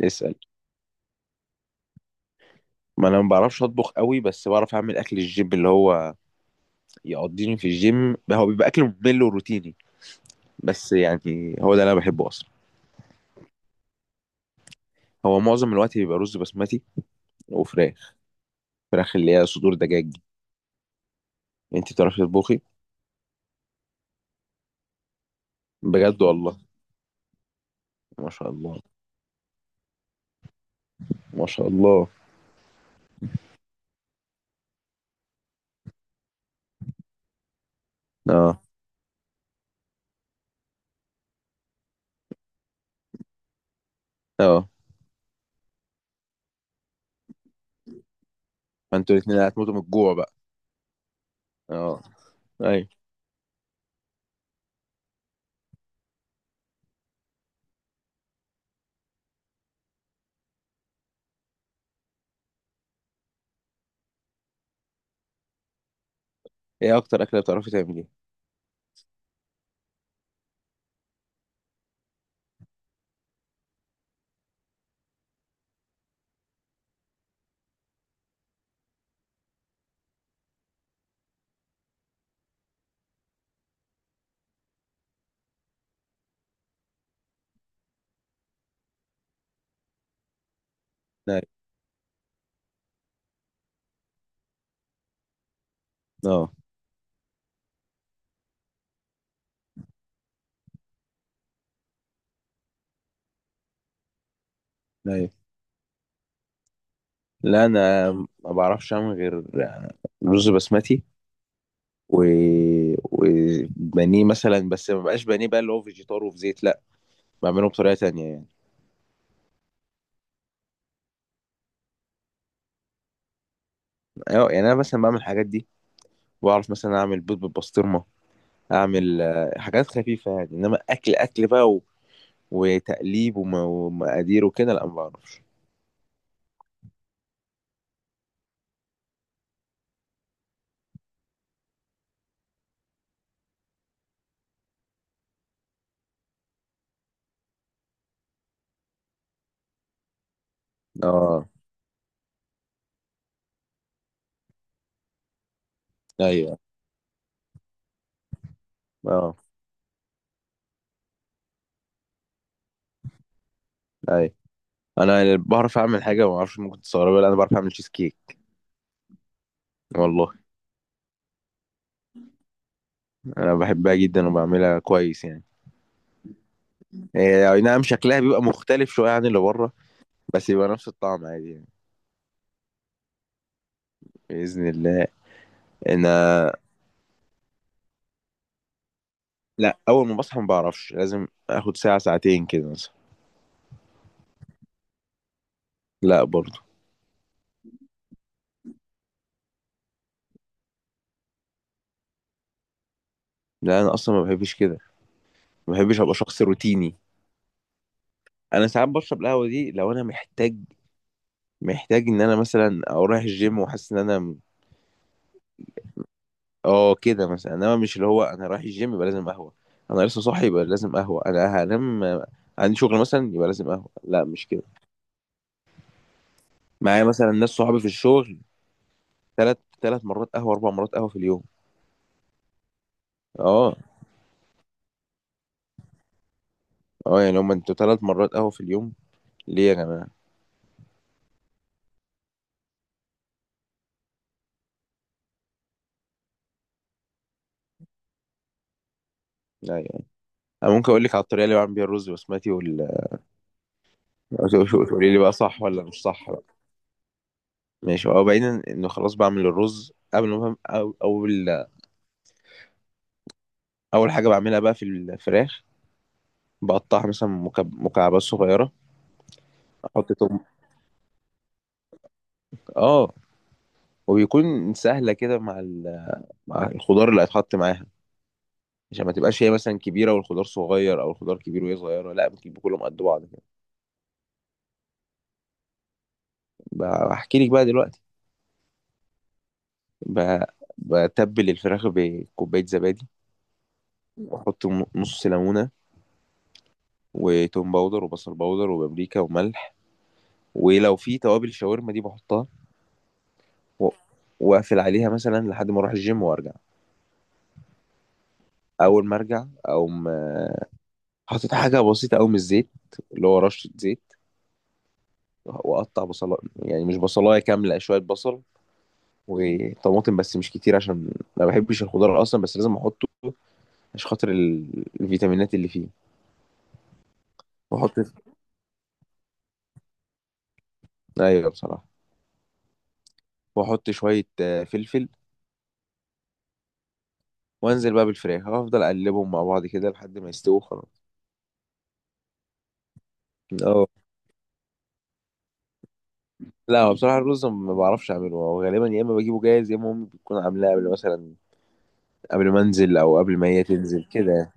اسأل. ما انا ما بعرفش اطبخ قوي، بس بعرف اعمل اكل الجيم اللي هو يقضيني في الجيم. هو بيبقى اكل ممل وروتيني. بس يعني، هو ده اللي انا بحبه اصلا. هو معظم الوقت بيبقى رز بسمتي وفراخ. فراخ اللي هي صدور دجاج دي. انت بتعرفي تطبخي؟ بجد والله؟ ما شاء الله، ما شاء الله. اه، اه. انتوا الاتنين هتموتوا من الجوع بقى. اه. ايوه. ايه اكتر اكله بتعرفي تعمليها؟ لا. اه. ايوه. لا انا ما بعرفش اعمل غير رز بسمتي و... وبانيه مثلا، بس ما بقاش بانيه بقى اللي هو فيجيتار وفي زيت، لا، بعمله بطريقه تانية يعني. أيوة، يعني انا مثلا بعمل الحاجات دي. بعرف مثلا اعمل بيض بالبسطرمه. اعمل حاجات خفيفه يعني، انما اكل اكل بقى وتقليب ومقادير وكده، لا ما بعرفش. اه، ايوه. اه، ايوه. انا بعرف اعمل حاجه ما اعرفش ممكن تستغربها. لا، انا بعرف اعمل تشيز كيك. والله. انا بحبها جدا وبعملها كويس يعني. إيه، اي نعم، شكلها بيبقى مختلف شويه عن اللي بره، بس يبقى نفس الطعم عادي يعني. بإذن الله. أنا، لا، أول ما بصحى ما بعرفش، لازم آخد ساعة ساعتين كده مثلا. لا برضه. لا أنا أصلا ما بحبش كده. ما بحبش أبقى شخص روتيني. أنا ساعات بشرب القهوة دي لو أنا محتاج إن أنا مثلا أو رايح الجيم وحاسس إن أنا أه كده مثلا، إنما مش اللي هو أنا رايح الجيم يبقى لازم قهوة. أنا لسه صاحي يبقى لازم قهوة. أنا هنام عندي شغل مثلا يبقى لازم قهوة، لا مش كده. معايا مثلا ناس صحابي في الشغل، تلات مرات قهوة، أربع مرات قهوة في اليوم. أه. أه، يعني هما أنتوا تلات مرات قهوة في اليوم ليه يا جماعة؟ لا يعني، أنا ممكن أقول لك على الطريقة اللي بعمل بيها الرز بسمتي تقولي لي بقى صح ولا مش صح بقى. ماشي. هو بعيدا إنه خلاص بعمل الرز قبل ما أول حاجة بعملها بقى في الفراخ. بقطعها مثلا مكعبات صغيرة. أحط توم، آه وبيكون سهلة كده مع مع الخضار اللي هيتحط معاها. عشان ما تبقاش هي مثلا كبيرة والخضار صغير أو الخضار كبير وهي صغيرة، لا، بتبقى كلهم قد بعض كده. بحكي لك بقى دلوقتي. ب- بتبل الفراخ بكوباية زبادي. واحط نص ليمونه، وتوم باودر وبصل باودر وبابريكا وملح، ولو في توابل الشاورما دي بحطها. و- واقفل عليها مثلا لحد ما اروح الجيم وارجع. اول ما ارجع اقوم، حاطط حاجه بسيطه قوي من الزيت، اللي هو رشه زيت، واقطع بصلايه، يعني مش بصلايه كامله، شويه بصل وطماطم، بس مش كتير عشان ما بحبش الخضار اصلا، بس لازم احطه عشان خاطر الفيتامينات اللي فيه. واحط، ايوه بصراحه، واحط شويه فلفل، وانزل بقى بالفراخ. هفضل اقلبهم مع بعض كده لحد ما يستووا خلاص. اه. لا، هو بصراحه الرز ما بعرفش اعمله. هو غالبا يا اما بجيبه جاهز، يا اما امي بتكون عاملاه قبل مثلا، قبل ما انزل او قبل ما هي تنزل كده يعني.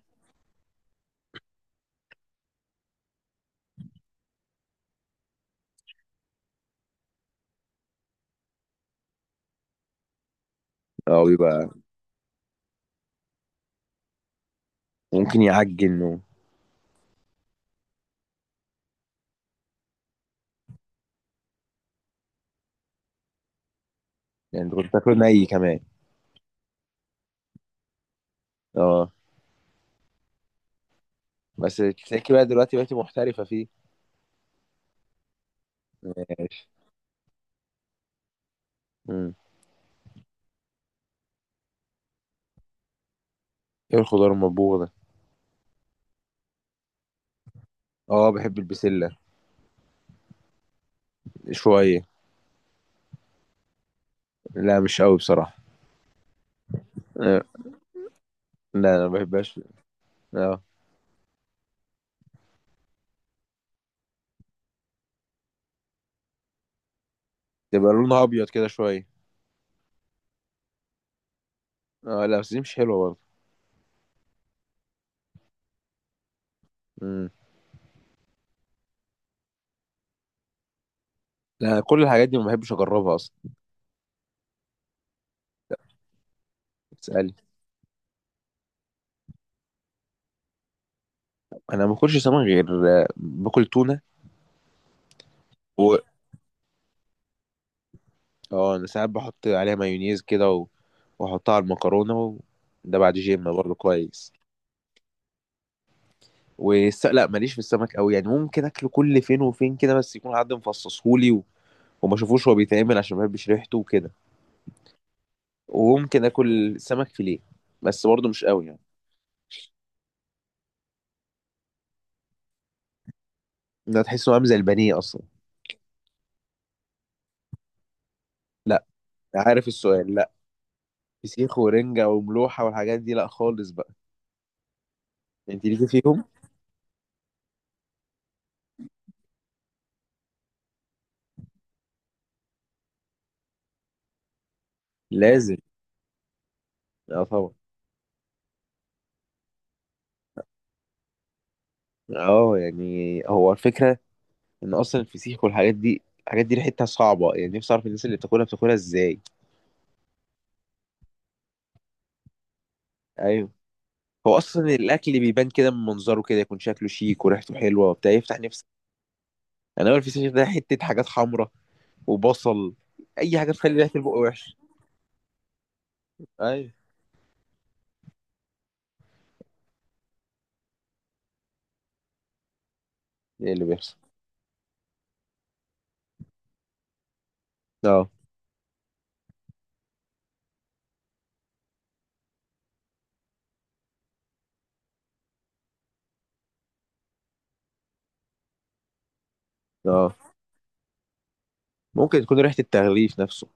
اه بيبقى، ممكن يعجن يعني انت كنت تاكله ني كمان؟ اه. بس تلاقيكي بقى دلوقتي بقيتي محترفه فيه. ماشي. امم ايه الخضار المطبوخ ده؟ اه، بحب البسله، شويه. لا مش قوي بصراحه. آه. لا انا ما بحبهاش. اه. تبقى لونها ابيض كده شويه؟ اه، لا بس دي مش حلوه برضه. مم. لا، كل الحاجات دي ما بحبش اجربها اصلا. بتسألي؟ انا ما باكلش سمك غير باكل تونه. و اه، انا ساعات بحط عليها مايونيز كده واحطها على المكرونه ده بعد جيم برضه كويس. لا، ماليش في السمك قوي يعني. ممكن اكله كل فين وفين كده، بس يكون حد مفصصهولي وما اشوفوش هو بيتعمل عشان ما بحبش ريحته وكده. وممكن اكل سمك فيليه، بس برضه مش قوي يعني. ده تحسه عامل زي البانيه اصلا. لا. عارف السؤال، لا. فسيخ ورنجة وملوحة والحاجات دي، لا خالص بقى. انت ليكي فيهم؟ لازم. اه طبعا. اه يعني هو الفكره ان اصلا الفسيخ والحاجات دي، الحاجات دي ريحتها صعبه. يعني نفسي اعرف الناس اللي بتاكلها بتاكلها ازاي. ايوه. هو اصلا الاكل بيبان كده من منظره، كده يكون شكله شيك وريحته حلوه وبتاع، يفتح نفسك. انا هو الفسيخ ده، حته حاجات حمراء وبصل، اي حاجه تخلي ريحه البق وحشه. ايوه. ايه اللي بيحصل؟ اه. اه، ممكن تكون ريحه التغليف نفسه.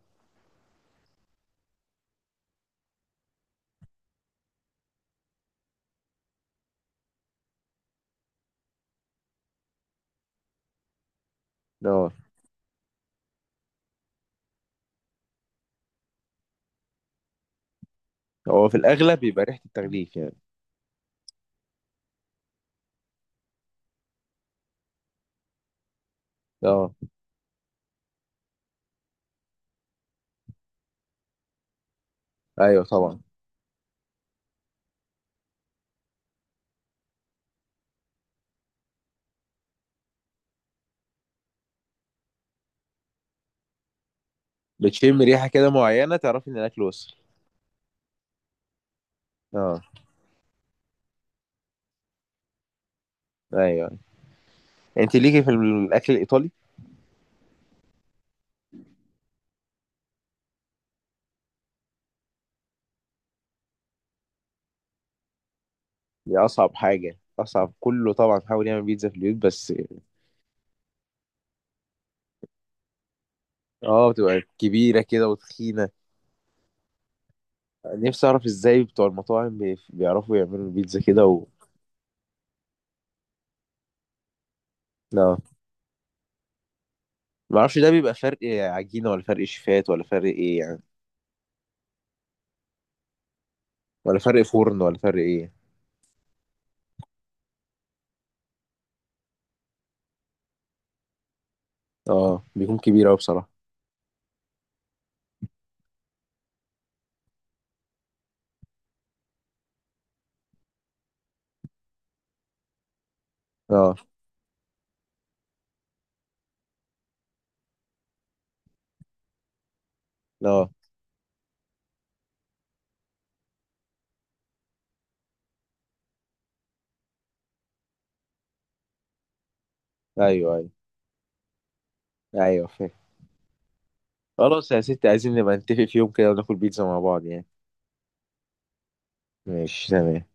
اه، هو في الاغلب بيبقى ريحه التغليف يعني. اه، ايوه طبعا. بتشم ريحه كده معينه تعرفي ان الاكل وصل؟ اه. ايوه. انت ليكي في الاكل الايطالي؟ دي اصعب حاجه، اصعب كله طبعا. حاول يعمل بيتزا في البيوت، بس اه بتبقى كبيره كده وتخينه. نفسي اعرف ازاي بتوع المطاعم بيعرفوا يعملوا البيتزا كده لا. ما اعرفش، ده بيبقى فرق عجينه ولا فرق شيفات ولا فرق ايه يعني؟ ولا فرق فرن ولا فرق ايه؟ اه، بيكون كبير قوي بصراحه. اه. اه، ايوه، ايوه، ايوه، فاهم. خلاص يا ستي، عايزين نبقى نتفق في يوم كده وناكل بيتزا مع بعض يعني. ماشي تمام.